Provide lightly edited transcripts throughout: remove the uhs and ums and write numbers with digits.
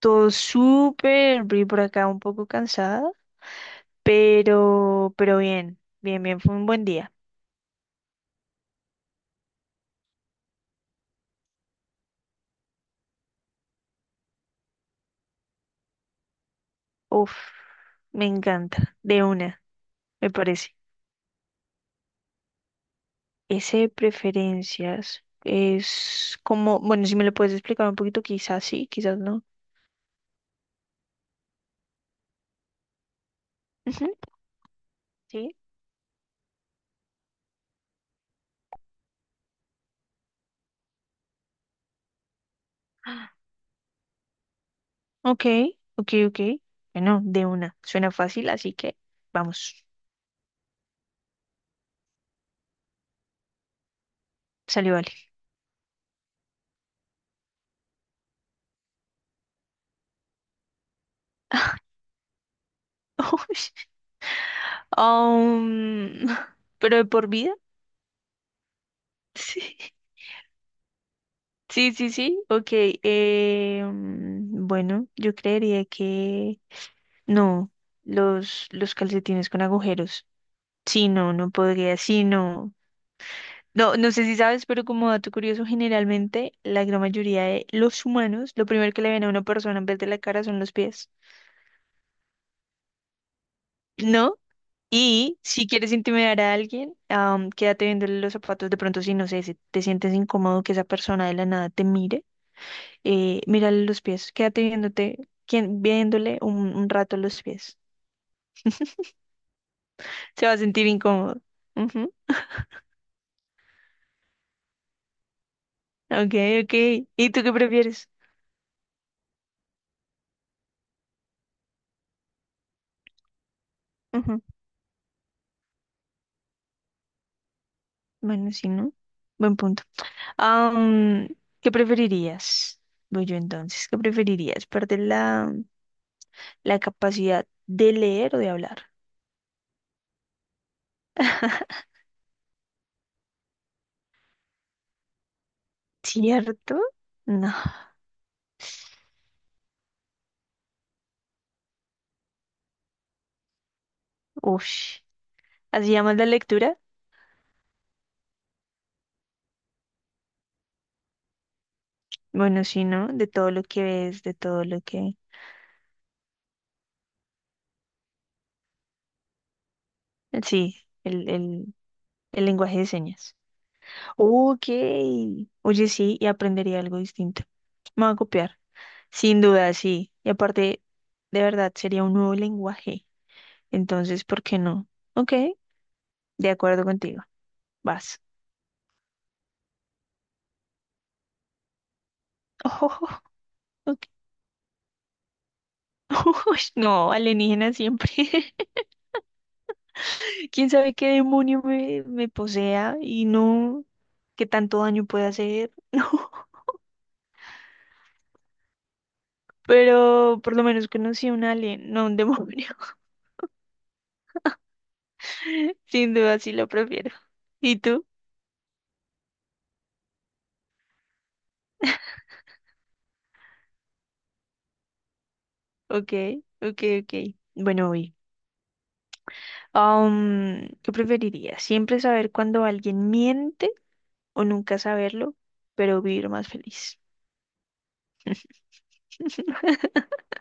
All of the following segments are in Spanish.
Todo súper, vi por acá un poco cansada, pero bien, fue un buen día. Uf, me encanta, de una, me parece. Ese de preferencias es como, bueno, si me lo puedes explicar un poquito, quizás sí, quizás no. Ujú. Sí, ok, ok, ok. Bueno, de una, suena fácil, así que vamos, salió vale. Uy, Um, pero de por vida, sí. Sí, sí, sí, ok. Bueno, yo creería que no, los calcetines con agujeros. Sí, no, no podría, sí, no. No, no sé si sabes, pero como dato curioso, generalmente la gran mayoría de los humanos, lo primero que le ven a una persona en vez de la cara son los pies, ¿no? Y si quieres intimidar a alguien, quédate viéndole los zapatos, de pronto si no sé, si te sientes incómodo que esa persona de la nada te mire. Mírale los pies, quédate viéndote, viéndole un rato los pies. Se va a sentir incómodo. Ujú. Ok, ok. ¿Y tú qué prefieres? Ujú. Bueno, sí, ¿no? Buen punto. Am, ¿Qué preferirías? Voy yo entonces. ¿Qué preferirías? ¿Perder la capacidad de leer o de hablar? ¿Cierto? No. Ush. ¿Así llamas la lectura? Bueno, sí, ¿no? De todo lo que ves, de todo lo que... Sí, el, el, el lenguaje de señas. Ok. Oye, sí, y aprendería algo distinto. Me va a copiar. Sin duda, sí. Y aparte, de verdad, sería un nuevo lenguaje. Entonces, ¿por qué no? Ok, de acuerdo contigo. Vas. Ojo, ok. Uy, no, alienígena siempre. ¿Quién sabe qué demonio me posea y no qué tanto daño puede hacer? No, pero por lo menos conocí a un alien, no a un demonio. Sin duda, sí lo prefiero. ¿Y tú? Ok, ok, ok. Bueno, hoy. ¿Qué preferirías? ¿Siempre saber cuando alguien miente o nunca saberlo, pero vivir más feliz?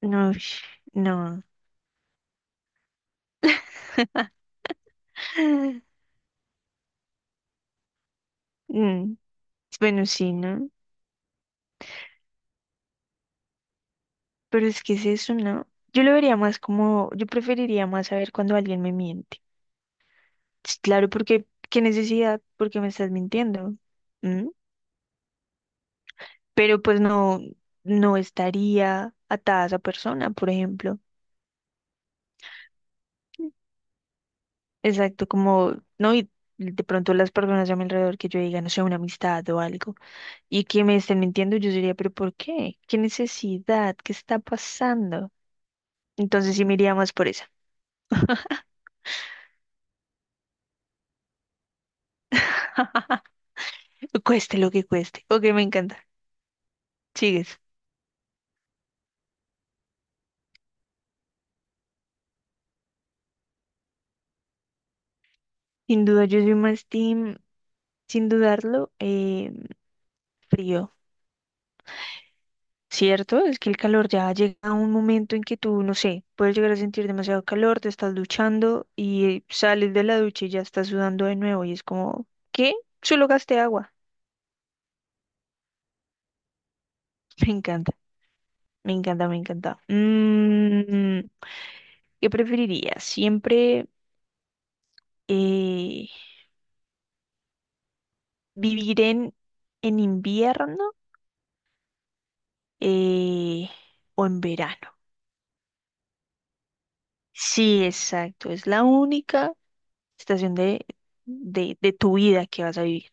No, ush, no. Mm, bueno, sí, ¿no? Pero es que es eso, ¿no? Yo lo vería más como, yo preferiría más saber cuando alguien me miente. Sí, claro, porque, ¿qué necesidad? Porque me estás mintiendo. ¿Mm? Pero pues no, no estaría atada a esa persona, por ejemplo. Exacto, como, no, y de pronto las personas a mi alrededor que yo diga, no sé, una amistad o algo, y que me estén mintiendo, yo diría, pero ¿por qué? ¿Qué necesidad? ¿Qué está pasando? Entonces sí me iría más por esa. Cueste lo que cueste. Ok, me encanta. Sigues. Sin duda, yo soy más team, sin dudarlo, frío. ¿Cierto? Es que el calor ya llega a un momento en que tú, no sé, puedes llegar a sentir demasiado calor, te estás duchando y sales de la ducha y ya estás sudando de nuevo y es como, ¿qué? Solo gasté agua. Me encanta, me encanta, me encanta. Mm, ¿qué preferirías? ¿Siempre eh, vivir en invierno eh, o en verano? Sí, exacto. Es la única estación de tu vida que vas a vivir.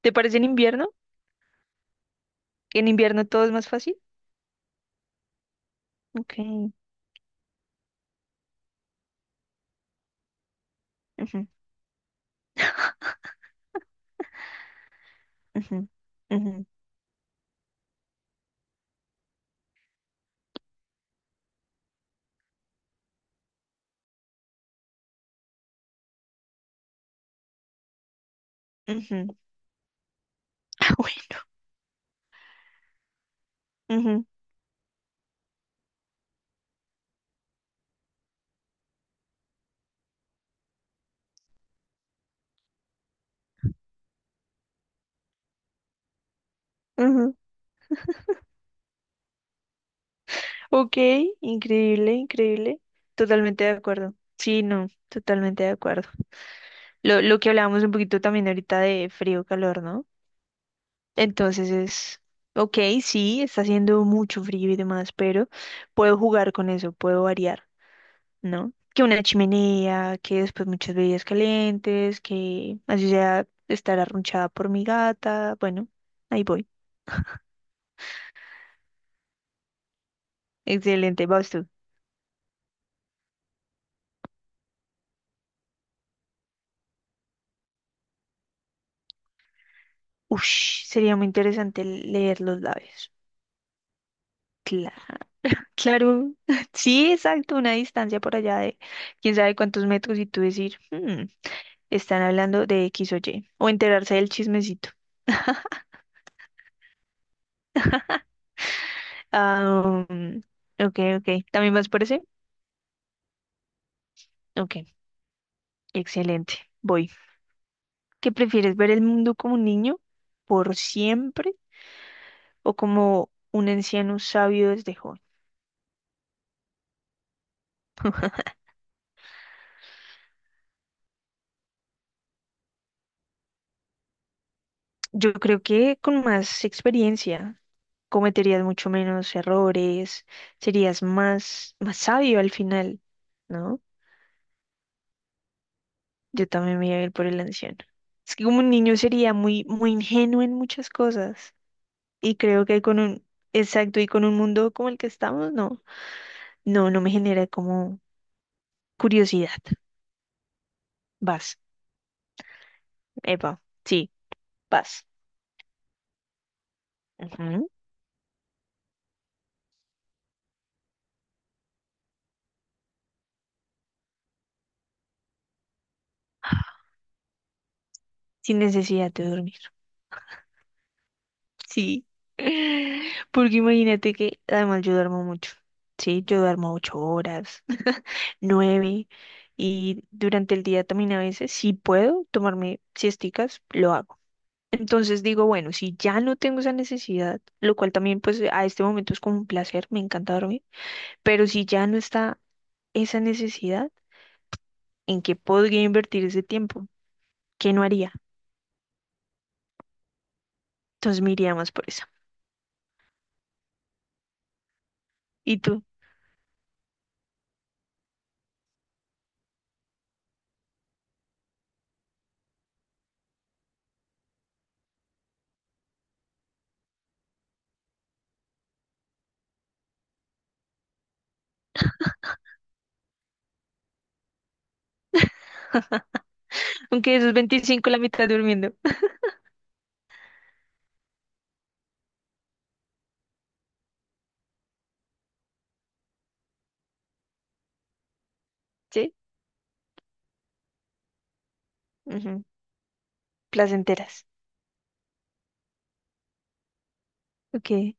¿Te parece en invierno? ¿En invierno todo es más fácil? Ok. Ujú, ujú, ujú, ujú. Bueno, ujú, ujú. Ok, increíble, increíble. Totalmente de acuerdo. Sí, no, totalmente de acuerdo. Lo que hablábamos un poquito también ahorita de frío, calor, ¿no? Entonces es, ok, sí, está haciendo mucho frío y demás, pero puedo jugar con eso, puedo variar. ¿No? Que una chimenea, que después muchas bebidas calientes, que así sea estar arrunchada por mi gata. Bueno, ahí voy. Excelente, vas tú. Ush, sería muy interesante leer los labios. Claro, claro. Sí, exacto, una distancia por allá de quién sabe cuántos metros y tú decir, "Hmm, están hablando de X o Y. O enterarse del chismecito. Ah, ok, ok. ¿También vas por ese? Ok, excelente. Voy. ¿Qué prefieres, ver el mundo como un niño por siempre o como un anciano sabio desde joven? Yo creo que con más experiencia cometerías mucho menos errores, serías más, más sabio al final, ¿no? Yo también me iba a ir por el anciano. Es que como un niño sería muy, muy ingenuo en muchas cosas y creo que con un, exacto, y con un mundo como el que estamos, no, no, no me genera como curiosidad. Vas, epa, sí, vas. Ujú. Sin necesidad de dormir. Sí. Porque imagínate que además yo duermo mucho. Sí, yo duermo 8 horas, nueve, y durante el día también a veces, si puedo tomarme siesticas, lo hago. Entonces digo, bueno, si ya no tengo esa necesidad, lo cual también pues a este momento es como un placer, me encanta dormir, pero si ya no está esa necesidad, ¿en qué podría invertir ese tiempo? ¿Qué no haría? Entonces me iría más por eso. ¿Y tú? Aunque esos 25 la mitad durmiendo. Ujú. Placenteras. Ok.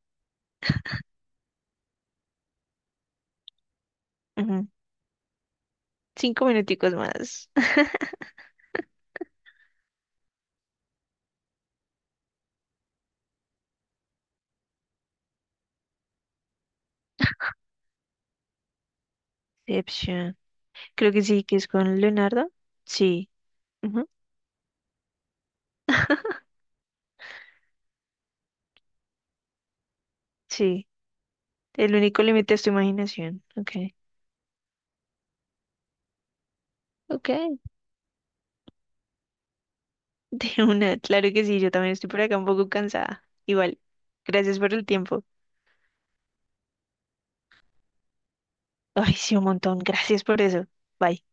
Ujú. 5 minuticos más. Inception. Creo que sí, que es con Leonardo. Sí. Ujú. Sí. El único límite es tu imaginación. Ok. Ok. De una. Claro que sí, yo también estoy por acá un poco cansada. Igual. Gracias por el tiempo. Ay, sí, un montón. Gracias por eso. Bye.